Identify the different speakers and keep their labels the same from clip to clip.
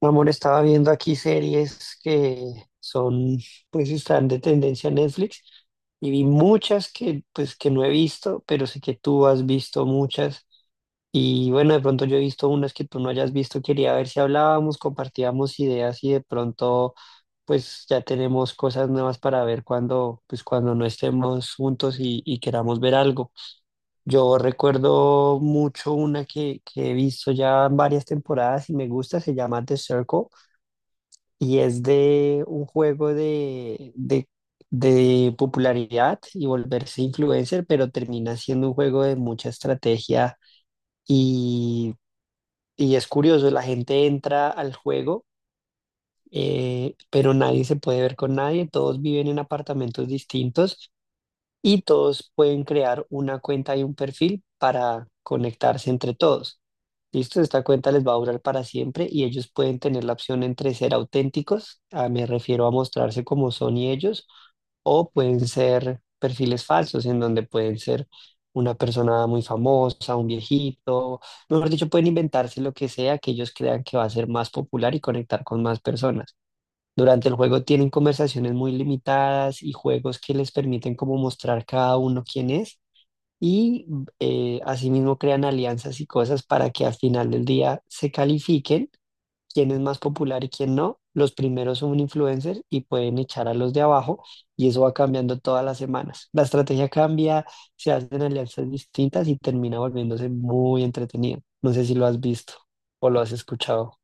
Speaker 1: Amor, estaba viendo aquí series que son, pues están de tendencia en Netflix y vi muchas que, pues, que no he visto, pero sé que tú has visto muchas. Y bueno, de pronto yo he visto unas que tú no hayas visto, quería ver si hablábamos, compartíamos ideas y de pronto, pues ya tenemos cosas nuevas para ver cuando, pues cuando no estemos juntos y queramos ver algo. Yo recuerdo mucho una que he visto ya varias temporadas y me gusta, se llama The Circle, y es de un juego de popularidad y volverse influencer, pero termina siendo un juego de mucha estrategia. Y, y es curioso, la gente entra al juego, pero nadie se puede ver con nadie, todos viven en apartamentos distintos y todos pueden crear una cuenta y un perfil para conectarse entre todos. Listo, esta cuenta les va a durar para siempre y ellos pueden tener la opción entre ser auténticos, ah, me refiero a mostrarse como son y ellos, o pueden ser perfiles falsos en donde pueden ser una persona muy famosa, un viejito, mejor dicho, pueden inventarse lo que sea que ellos crean que va a ser más popular y conectar con más personas. Durante el juego tienen conversaciones muy limitadas y juegos que les permiten como mostrar cada uno quién es y asimismo crean alianzas y cosas para que al final del día se califiquen quién es más popular y quién no. Los primeros son influencers y pueden echar a los de abajo y eso va cambiando todas las semanas. La estrategia cambia, se hacen alianzas distintas y termina volviéndose muy entretenido. No sé si lo has visto o lo has escuchado.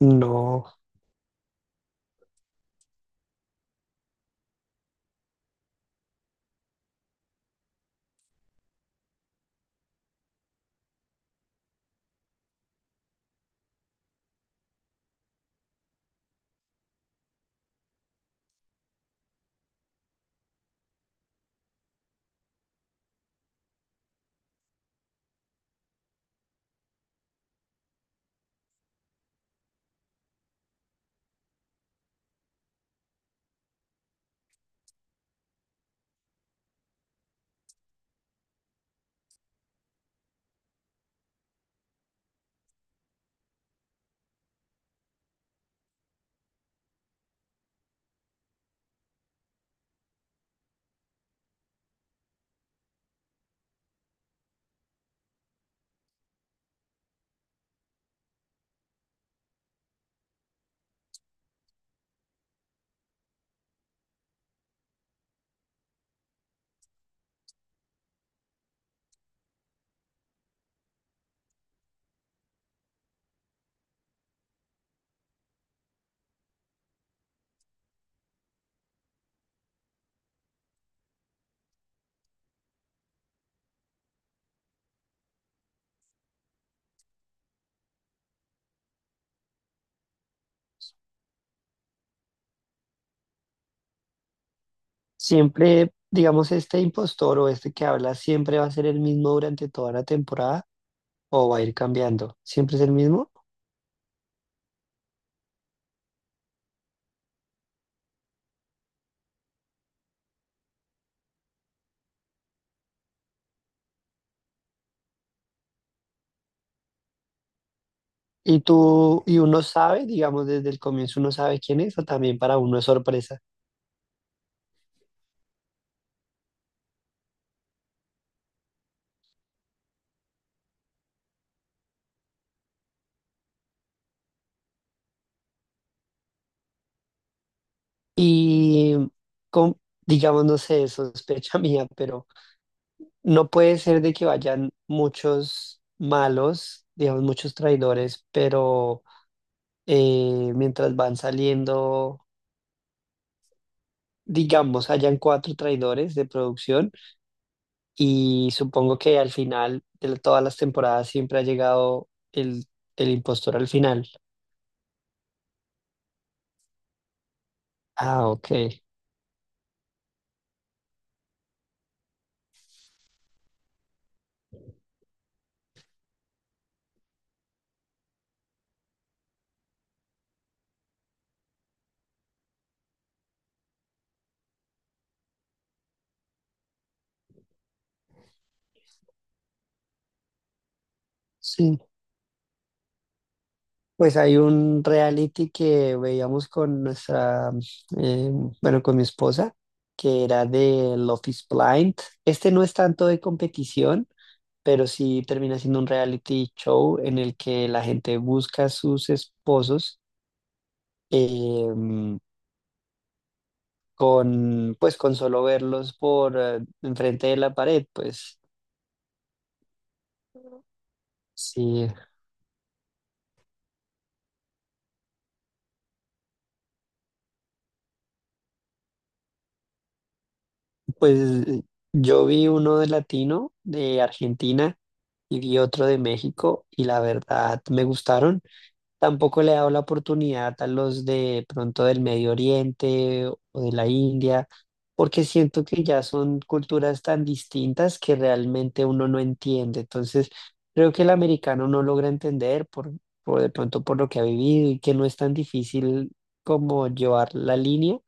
Speaker 1: No. Siempre, digamos, este impostor o este que habla siempre va a ser el mismo durante toda la temporada o va a ir cambiando. Siempre es el mismo. Y tú, y uno sabe, digamos, desde el comienzo uno sabe quién es o también para uno es sorpresa. Y con, digamos, no sé, sospecha mía, pero no puede ser de que vayan muchos malos, digamos, muchos traidores, pero mientras van saliendo, digamos, hayan cuatro traidores de producción. Y supongo que al final de todas las temporadas siempre ha llegado el impostor al final. Ah, ok. Sí. Pues hay un reality que veíamos con nuestra, eh, bueno, con mi esposa, que era de Love is Blind. Este no es tanto de competición, pero sí termina siendo un reality show en el que la gente busca a sus esposos. eh, con, pues, con solo verlos por enfrente de la pared, pues sí, pues yo vi uno de latino de Argentina y vi otro de México y la verdad me gustaron. Tampoco le he dado la oportunidad a los de pronto del Medio Oriente o de la India, porque siento que ya son culturas tan distintas que realmente uno no entiende. Entonces, creo que el americano no logra entender por de pronto por lo que ha vivido y que no es tan difícil como llevar la línea.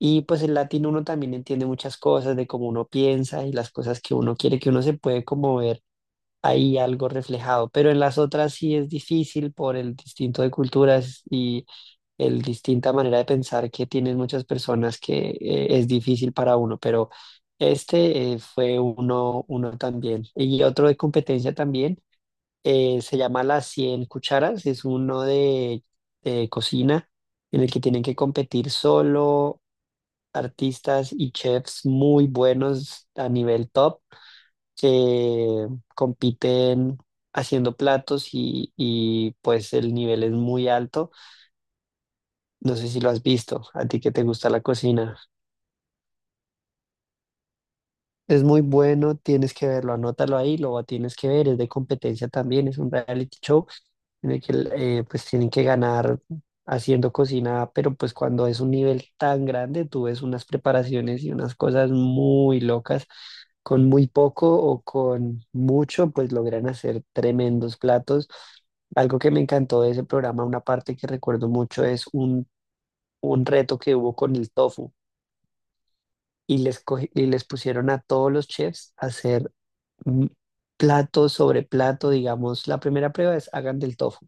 Speaker 1: Y pues el latino uno también entiende muchas cosas de cómo uno piensa y las cosas que uno quiere, que uno se puede como ver, hay algo reflejado, pero en las otras sí es difícil por el distinto de culturas y el distinta manera de pensar que tienen muchas personas que es difícil para uno, pero este fue uno, uno también. Y otro de competencia también se llama Las Cien Cucharas, es uno de cocina en el que tienen que competir solo artistas y chefs muy buenos a nivel top, que compiten haciendo platos y pues el nivel es muy alto. No sé si lo has visto, a ti que te gusta la cocina. Es muy bueno, tienes que verlo, anótalo ahí, lo tienes que ver, es de competencia también, es un reality show en el que pues tienen que ganar haciendo cocina, pero pues cuando es un nivel tan grande, tú ves unas preparaciones y unas cosas muy locas, con muy poco o con mucho, pues logran hacer tremendos platos. Algo que me encantó de ese programa, una parte que recuerdo mucho, es un reto que hubo con el tofu y les pusieron a todos los chefs a hacer mm, plato sobre plato, digamos, la primera prueba es hagan del tofu,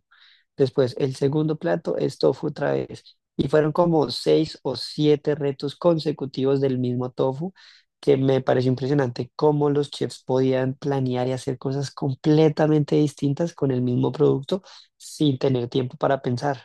Speaker 1: después el segundo plato es tofu otra vez, y fueron como seis o siete retos consecutivos del mismo tofu, que me pareció impresionante cómo los chefs podían planear y hacer cosas completamente distintas con el mismo producto sin tener tiempo para pensar.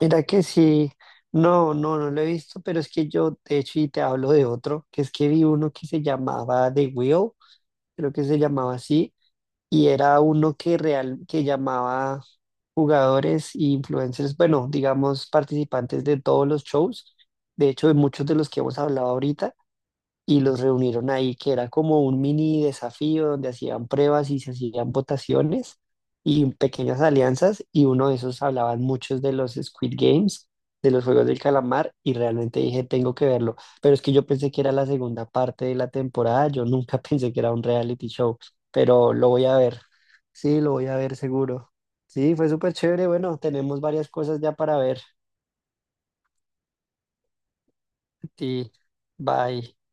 Speaker 1: Mira que sí, no, no, no lo he visto, pero es que yo, de hecho, y te hablo de otro, que es que vi uno que se llamaba The Wheel, creo que se llamaba así, y era uno que real, que llamaba jugadores e influencers, bueno, digamos, participantes de todos los shows, de hecho, de muchos de los que hemos hablado ahorita, y los reunieron ahí, que era como un mini desafío donde hacían pruebas y se hacían votaciones y pequeñas alianzas, y uno de esos hablaban muchos de los Squid Games, de los Juegos del Calamar, y realmente dije, tengo que verlo, pero es que yo pensé que era la segunda parte de la temporada, yo nunca pensé que era un reality show, pero lo voy a ver, sí, lo voy a ver seguro. Sí, fue súper chévere, bueno, tenemos varias cosas ya para ver. Sí, bye.